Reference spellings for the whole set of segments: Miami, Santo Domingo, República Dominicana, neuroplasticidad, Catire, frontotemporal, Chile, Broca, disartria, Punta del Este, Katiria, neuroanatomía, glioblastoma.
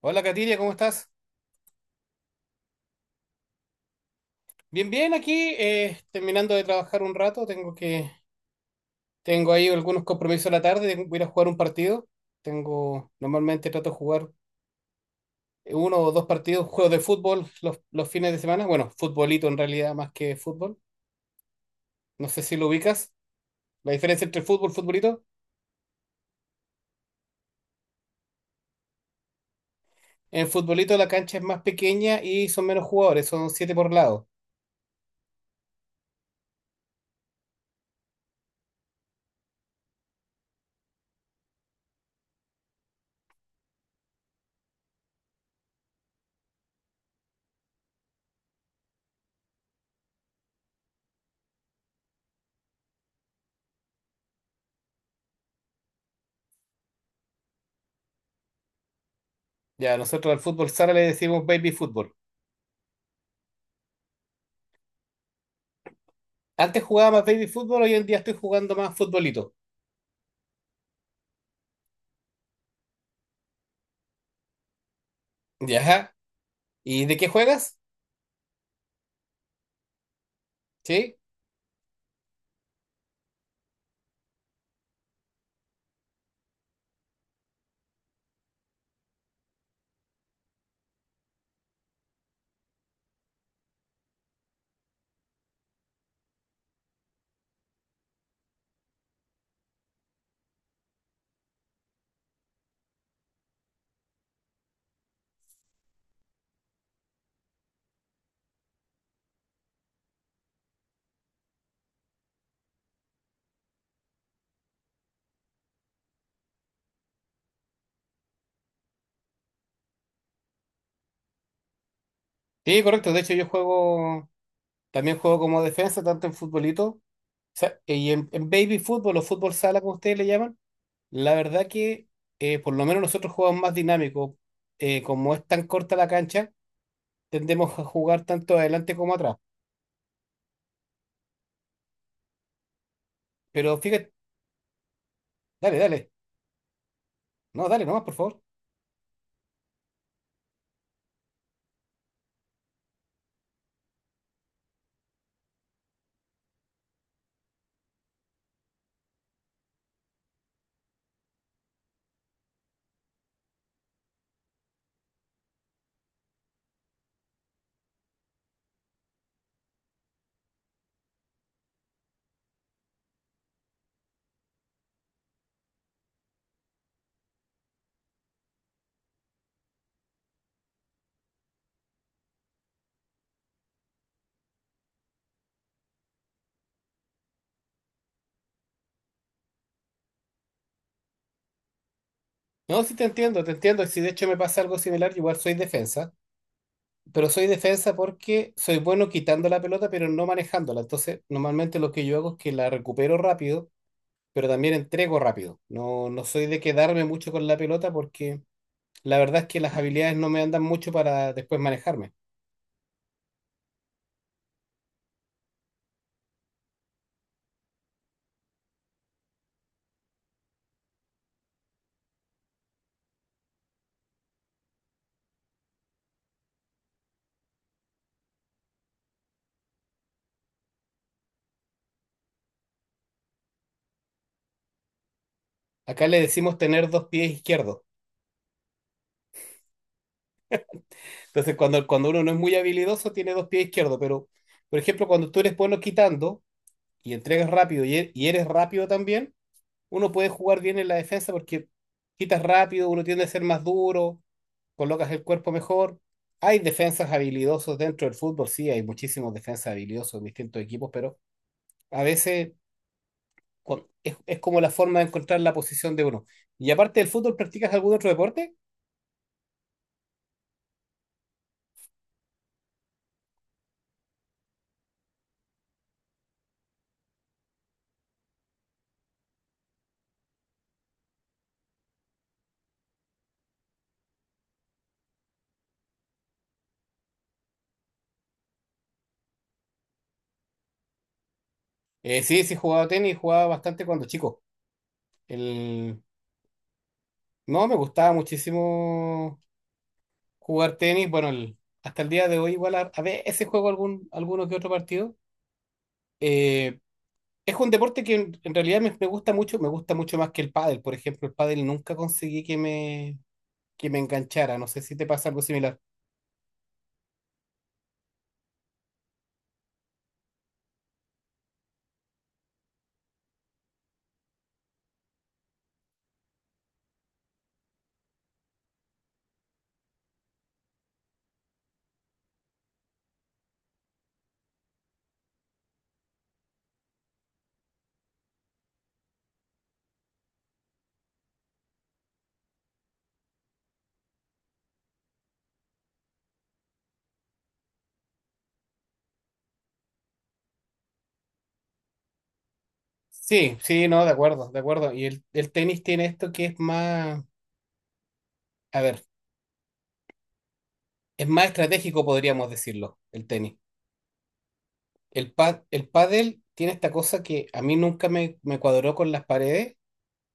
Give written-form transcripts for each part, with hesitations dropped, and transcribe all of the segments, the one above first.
Hola Katiria, ¿cómo estás? Bien, bien, aquí terminando de trabajar un rato, tengo ahí algunos compromisos a la tarde, tengo que ir a jugar un partido. Tengo, normalmente trato de jugar uno o dos partidos, juegos de fútbol los fines de semana. Bueno, futbolito en realidad más que fútbol. No sé si lo ubicas. La diferencia entre fútbol y futbolito. En futbolito la cancha es más pequeña y son menos jugadores, son siete por lado. Ya, nosotros al fútbol sala le decimos baby fútbol. Antes jugaba más baby fútbol, hoy en día estoy jugando más futbolito. Ya. ¿Y de qué juegas? Sí, sí, correcto. De hecho, también juego como defensa, tanto en futbolito, o sea, en baby fútbol o fútbol sala, como ustedes le llaman. La verdad que por lo menos nosotros jugamos más dinámico. Como es tan corta la cancha, tendemos a jugar tanto adelante como atrás. Pero fíjate, dale, dale. No, dale nomás, por favor. No, sí te entiendo, te entiendo. Si de hecho me pasa algo similar, igual soy defensa. Pero soy defensa porque soy bueno quitando la pelota, pero no manejándola. Entonces, normalmente lo que yo hago es que la recupero rápido, pero también entrego rápido. No, no soy de quedarme mucho con la pelota porque la verdad es que las habilidades no me andan mucho para después manejarme. Acá le decimos tener dos pies izquierdos. Entonces, cuando uno no es muy habilidoso, tiene dos pies izquierdos. Pero, por ejemplo, cuando tú eres bueno quitando y entregas rápido y eres rápido también, uno puede jugar bien en la defensa porque quitas rápido, uno tiende a ser más duro, colocas el cuerpo mejor. Hay defensas habilidosos dentro del fútbol, sí, hay muchísimos defensas habilidosos en distintos equipos, pero a veces es como la forma de encontrar la posición de uno. Y aparte del fútbol, ¿practicas algún otro deporte? Sí, sí, jugaba tenis, jugaba bastante cuando chico. El... No, me gustaba muchísimo jugar tenis. Hasta el día de hoy igual a veces juego alguno que otro partido. Eh, Es un deporte que en realidad me gusta mucho más que el pádel. Por ejemplo, el pádel nunca conseguí que me enganchara. No sé si te pasa algo similar. Sí, sí, no, de acuerdo, de acuerdo. Y el tenis tiene esto que es más, a ver, es más estratégico, podríamos decirlo, el tenis. El pádel tiene esta cosa que a mí nunca me, me cuadró con las paredes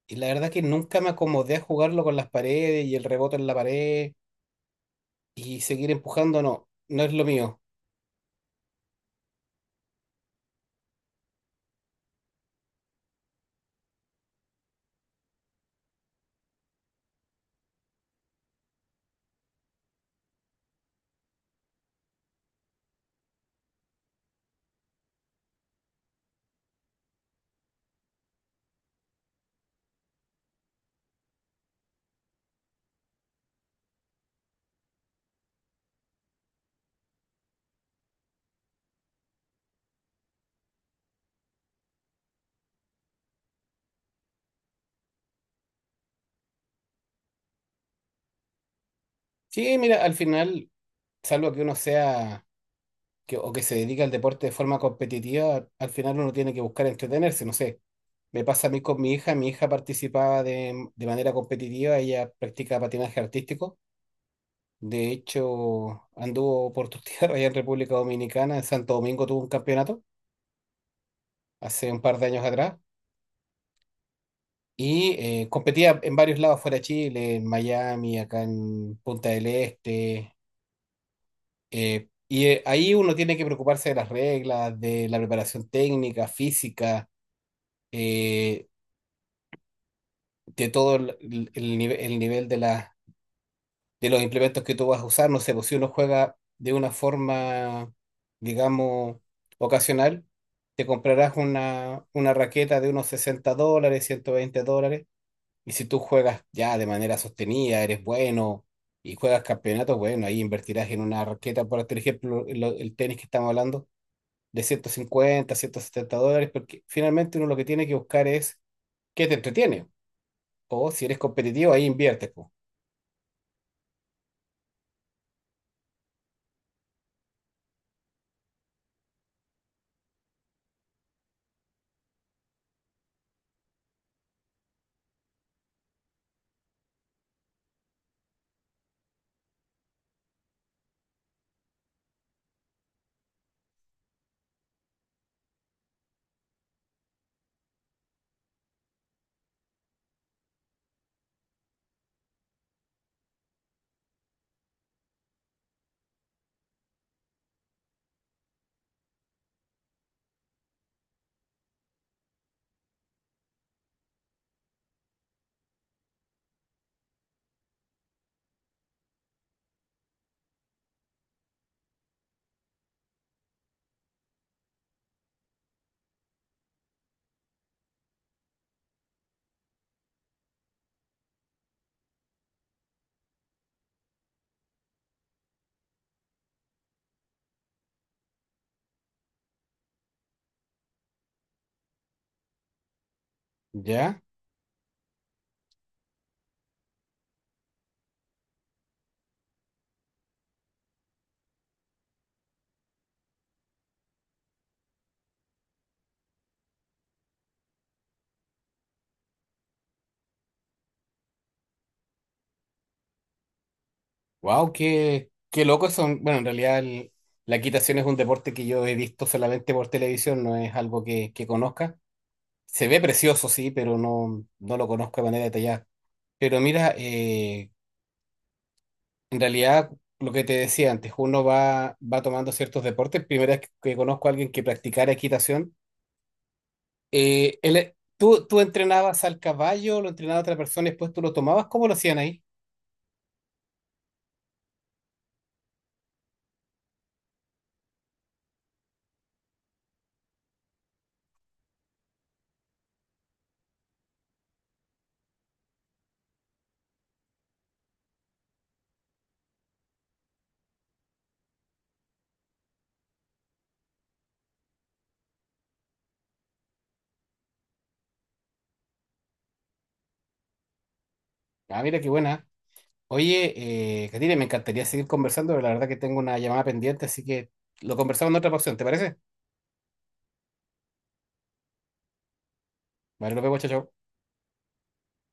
y la verdad que nunca me acomodé a jugarlo con las paredes y el rebote en la pared y seguir empujando, no, no es lo mío. Sí, mira, al final salvo que uno sea o que se dedique al deporte de forma competitiva, al final uno tiene que buscar entretenerse, no sé. Me pasa a mí con mi hija participaba de manera competitiva, ella practica patinaje artístico. De hecho, anduvo por tus tierras allá en República Dominicana, en Santo Domingo tuvo un campeonato hace un par de años atrás y competía en varios lados fuera de Chile, en Miami, acá en Punta del Este. Ahí uno tiene que preocuparse de las reglas, de la preparación técnica, física, eh, de todo el nivel de los implementos que tú vas a usar. No sé, pues si uno juega de una forma, digamos, ocasional, te comprarás una raqueta de unos $60, $120. Y si tú juegas ya de manera sostenida, eres bueno y juegas campeonatos, bueno, ahí invertirás en una raqueta, por ejemplo, el tenis que estamos hablando de $150 $170, porque finalmente uno lo que tiene que buscar es qué te entretiene. O si eres competitivo, ahí inviertes, po. ¿Ya? Wow, qué, qué loco son. Bueno, en realidad la equitación es un deporte que yo he visto solamente por televisión, no es algo que conozca. Se ve precioso, sí, pero no, no lo conozco de manera detallada. Pero mira, en realidad lo que te decía antes, va tomando ciertos deportes. Primera vez que conozco a alguien que practicara equitación. ¿Tú tú entrenabas al caballo, lo entrenaba otra persona y después tú lo tomabas? ¿Cómo lo hacían ahí? Ah, mira qué buena. Oye, Catire, me encantaría seguir conversando, pero la verdad que tengo una llamada pendiente, así que lo conversamos en otra ocasión, ¿te parece? Vale, nos vemos, chao, chao.